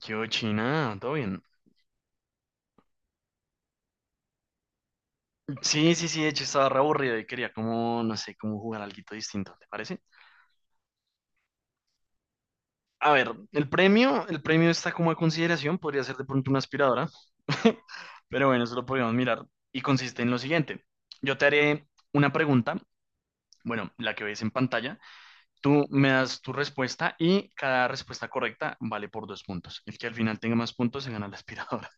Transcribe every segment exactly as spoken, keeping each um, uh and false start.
¿Qué hubo, China? ¿Todo bien? Sí, sí, sí, de hecho estaba re aburrido y quería como, no sé, como jugar algo distinto, ¿te parece? A ver, el premio, el premio está como a consideración, podría ser de pronto una aspiradora, pero bueno, eso lo podríamos mirar y consiste en lo siguiente. Yo te haré una pregunta, bueno, la que ves en pantalla, tú me das tu respuesta y cada respuesta correcta vale por dos puntos. El que al final tenga más puntos se gana la aspiradora.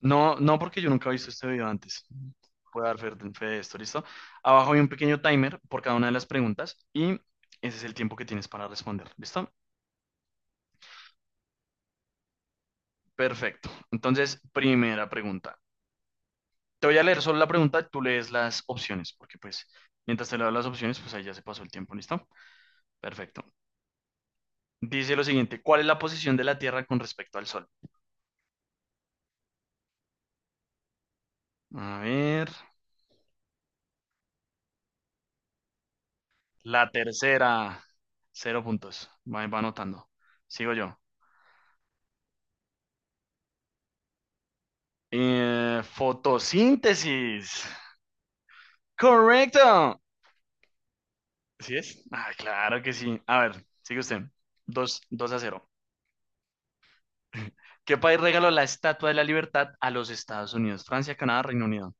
No, no, porque yo nunca he visto este video antes. Voy a dar fe, fe de esto, ¿listo? Abajo hay un pequeño timer por cada una de las preguntas y ese es el tiempo que tienes para responder, ¿listo? Perfecto. Entonces, primera pregunta. Te voy a leer solo la pregunta, tú lees las opciones, porque pues mientras te leo las opciones, pues ahí ya se pasó el tiempo, ¿listo? Perfecto. Dice lo siguiente, ¿cuál es la posición de la Tierra con respecto al Sol? A ver, la tercera, cero puntos. Va, va anotando. Sigo yo. Eh, fotosíntesis. Correcto. ¿Sí es? Ah, claro que sí. A ver, sigue usted. Dos, dos a cero. ¿Qué país regaló la Estatua de la Libertad a los Estados Unidos? Francia, Canadá, Reino Unido.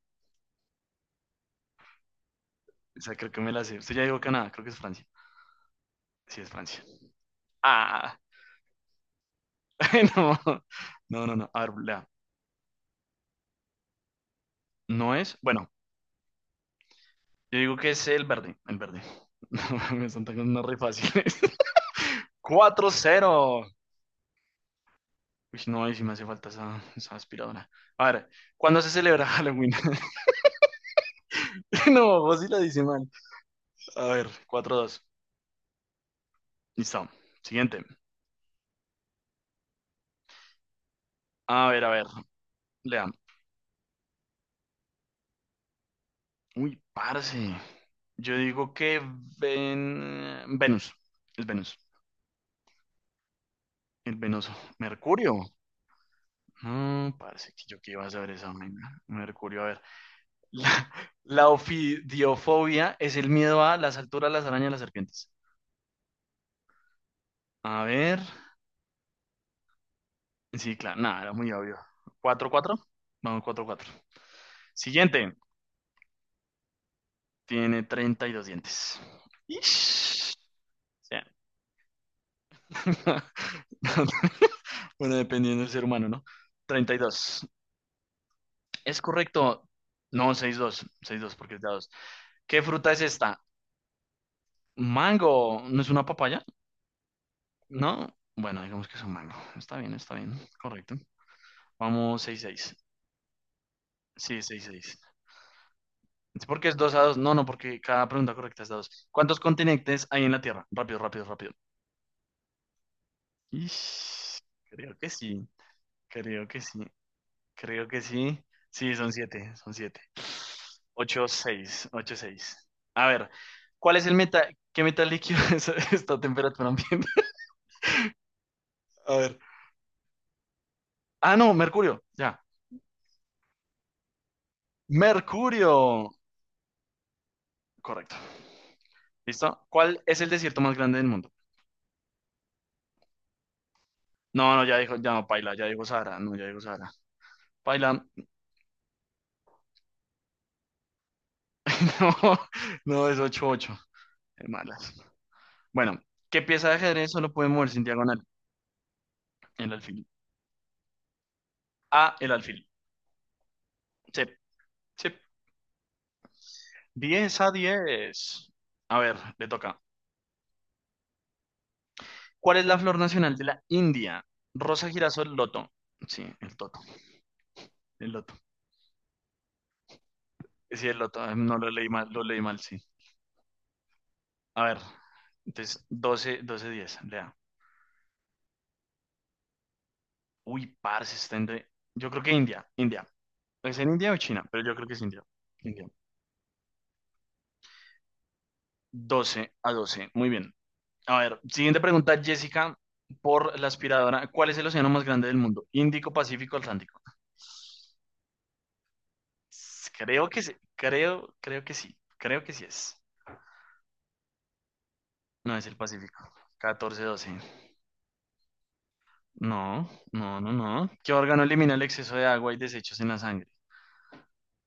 O sea, creo que me la sé. Usted ya dijo Canadá, creo que es Francia. Sí, es Francia. Ah, no. No, no, no. A ver, lea. No es. Bueno, yo digo que es el verde. El verde. No, me están tocando unas re fáciles. cuatro cero. Uy, no, ahí sí me hace falta esa, esa aspiradora. A ver, ¿cuándo se celebra Halloween? No, vos sí la dice mal. A ver, cuatro dos. Listo. Siguiente. A ver, a ver, lea. Uy, parce. Yo digo que ven... Venus. Es Venus. El venoso. Mercurio. No, parce, que yo que iba a saber esa vaina. Mercurio, a ver. La, la ofidiofobia es el miedo a las alturas, las arañas, las serpientes. A ver. Sí, claro, nada, era muy obvio. Cuatro cuatro. Vamos, cuatro cuatro. Siguiente. Tiene treinta y dos dientes. Ish. O sea, bueno, dependiendo del ser humano, ¿no? Treinta y dos. ¿Es correcto? No, seis dos, seis dos, porque es de a dos. ¿Qué fruta es esta? ¿Mango? ¿No es una papaya? No. Bueno, digamos que es un mango. Está bien, está bien. Correcto. Vamos, seis seis. Sí, seis seis. Es porque es dos a dos. No, no, porque cada pregunta correcta es de dos. ¿Cuántos continentes hay en la Tierra? Rápido, rápido, rápido. Ish, creo que sí. Creo que sí. Creo que sí. Sí, son siete. Son siete. Ocho seis, ocho seis. A ver, ¿cuál es el meta? ¿Qué metal líquido es esta temperatura ambiente? A ver. Ah, no, Mercurio. Ya. Mercurio. Correcto. ¿Listo? ¿Cuál es el desierto más grande del mundo? No, no, ya dijo, ya no, Paila, ya dijo Sahara. No, ya dijo Sahara. Paila, no, no, es ocho ocho. Es malas. Bueno, ¿qué pieza de ajedrez solo puede moverse en diagonal? El alfil. A, el alfil. Sí, sí. diez a diez. A ver, le toca. ¿Cuál es la flor nacional de la India? Rosa, girasol, loto. Sí, el toto. El loto. Sí, el loto. eh, No lo leí mal, lo leí mal, sí. A ver, entonces doce, doce, diez. Lea. Uy, parce, está entre. Yo creo que India, India. ¿Es en India o China? Pero yo creo que es India. India. doce a doce. Muy bien. A ver, siguiente pregunta, Jessica, por la aspiradora. ¿Cuál es el océano más grande del mundo? Índico, Pacífico, Atlántico. S- Creo que sí, creo, creo que sí, creo que sí es. No es el Pacífico. Catorce doce. No, no, no, no. ¿Qué órgano elimina el exceso de agua y desechos en la sangre?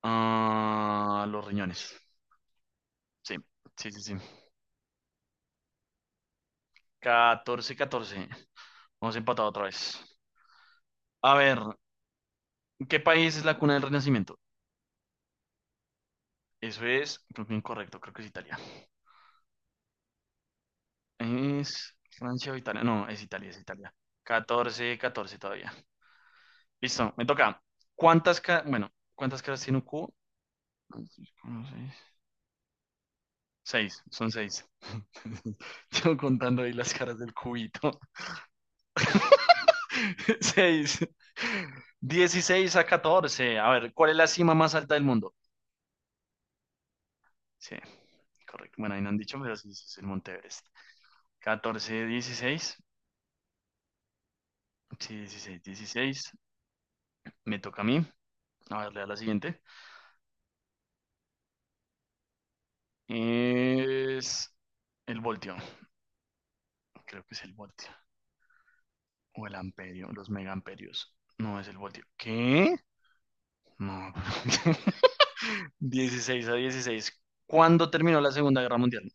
Ah, los riñones. Sí, sí, sí, sí. Catorce. 14. Hemos empatado otra vez. A ver, ¿qué país es la cuna del Renacimiento? Eso es, creo que incorrecto, creo que es Italia. Es Francia o Italia. No, es Italia, es Italia. Catorce catorce todavía. Listo, me toca. ¿Cuántas ca- bueno, ¿cuántas caras tiene un cubo? Seis, son seis. Yo contando ahí las caras del cubito. Seis. Dieciséis a catorce. A ver, ¿cuál es la cima más alta del mundo? Sí, correcto. Bueno, ahí no han dicho, pero sí, sí, es el Monte Everest. Catorce dieciséis. Sí, dieciséis dieciséis. Me toca a mí. A ver, lea la siguiente. Es el voltio. Creo que es el voltio. O el amperio, los megaamperios. No es el voltio. ¿Qué? No. Dieciséis a dieciséis. ¿Cuándo terminó la Segunda Guerra Mundial?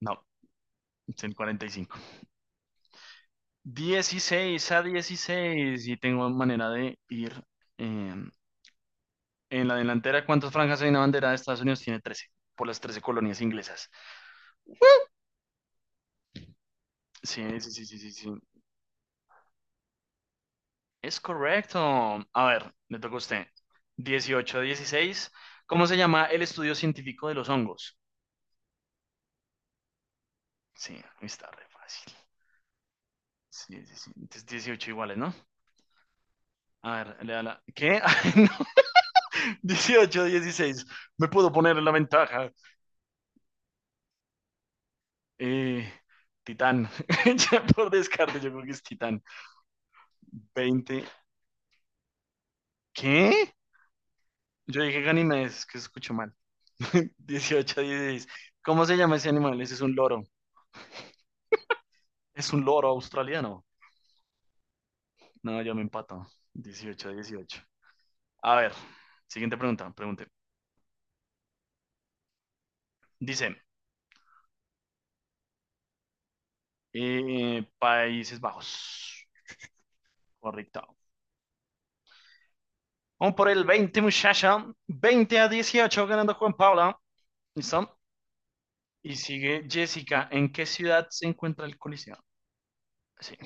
No, es en cuarenta y cinco. Dieciséis a dieciséis. Y tengo manera de ir eh, en la delantera. ¿Cuántas franjas hay en la bandera de Estados Unidos? ¿Tiene trece? Por las trece colonias inglesas. Sí, sí, sí, sí, sí, sí. Es correcto. A ver, le toca a usted. dieciocho, dieciséis. ¿Cómo se llama el estudio científico de los hongos? Sí, está re fácil. Sí, sí, sí. Entonces dieciocho iguales, ¿no? A ver, le da la... ¿Qué? Ay, no. dieciocho, dieciséis. Me puedo poner en la ventaja. Eh, Titán. Ya por descarte, yo creo que es Titán. Veinte. ¿Qué? Yo dije Ganímedes, es que escucho mal. dieciocho, dieciséis. ¿Cómo se llama ese animal? Ese es un loro. Es un loro australiano. No, yo me empato. Dieciocho a dieciocho. A ver, siguiente pregunta, pregunte. Dice, eh, Países Bajos. Correcto. Vamos por el veinte, muchacha. Veinte a dieciocho, ganando Juan Paula. ¿Listo? Y sigue Jessica. ¿En qué ciudad se encuentra el Coliseo? Sí,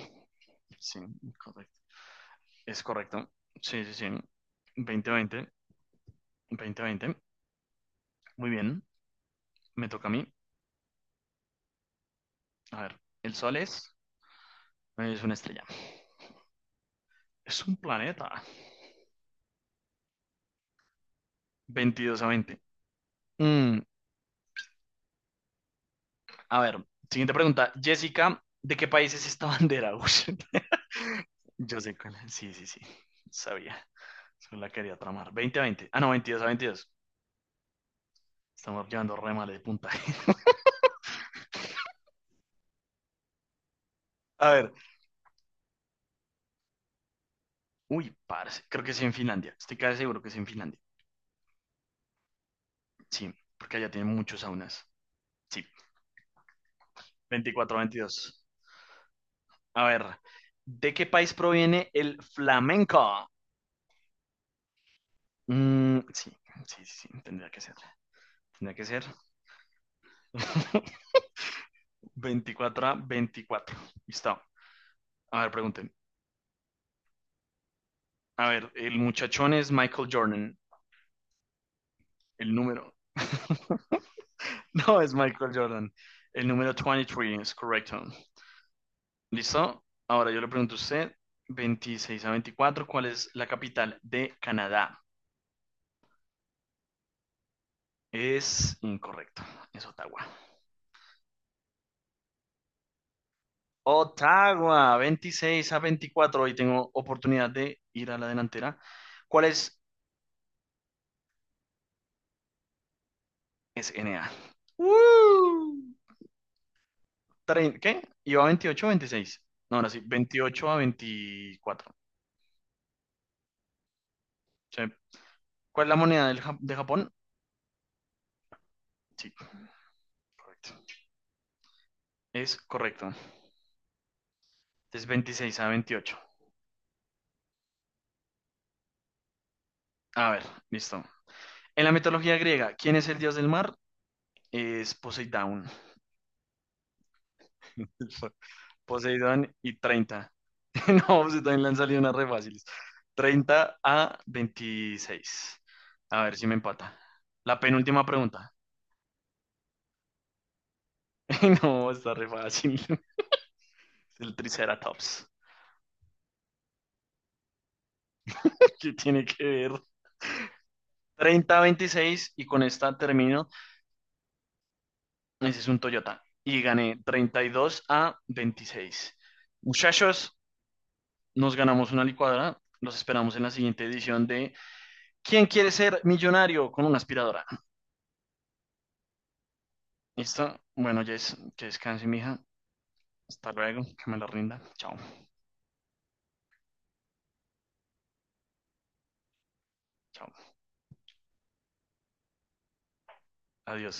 sí, correcto. Es correcto. Sí, sí, sí. Veinte veinte, veinte veinte. Muy bien. Me toca a mí. A ver, el Sol es, es una estrella. Es un planeta. Veintidós a veinte. Mm, a ver, siguiente pregunta. Jessica, ¿de qué país es esta bandera? Uy, yo sé cuál es. Sí, sí, sí. Sabía. Solo la quería tramar. Veinte a veinte. Ah, no, veintidós a veintidós. Estamos llevando re mal de puntaje. A ver. Uy, parce. Creo que es en Finlandia. Estoy casi seguro que es en Finlandia. Sí, porque allá tienen muchos saunas. Sí, veinticuatro a veintidós. A ver. ¿De qué país proviene el flamenco? Mm, sí, sí, sí, sí, tendría que ser. Tenía que ser. Veinticuatro a veinticuatro. Listo. A ver, pregunten. A ver, el muchachón es Michael Jordan. El número. No es Michael Jordan. El número veintitrés es correcto. ¿Listo? Ahora yo le pregunto a usted, veintiséis a veinticuatro, ¿cuál es la capital de Canadá? Es incorrecto, es Ottawa. Ottawa, veintiséis a veinticuatro. Hoy tengo oportunidad de ir a la delantera. ¿Cuál es? Es N A. ¡Uh! trein- ¿Qué? Iba veintiocho o veintiséis. No, ahora sí, veintiocho a veinticuatro. Sí. ¿Cuál es la moneda del Ja- de Japón? Sí, correcto. Es correcto. Es veintiséis a veintiocho. A ver, listo. En la mitología griega, ¿quién es el dios del mar? Es Poseidón. Poseidón y treinta. No, Poseidón, le han salido unas re fáciles. Treinta a veintiséis. A ver si me empata. La penúltima pregunta. No, está re fácil. El Triceratops. Que tiene que ver. treinta a veintiséis y con esta termino. Ese es un Toyota. Y gané treinta y dos a veintiséis. Muchachos, nos ganamos una licuadora. Los esperamos en la siguiente edición de ¿Quién quiere ser millonario con una aspiradora? ¿Listo? Bueno, Jess, que descanse, mija. Hasta luego, que me la rinda. Chao, chao. Adiós.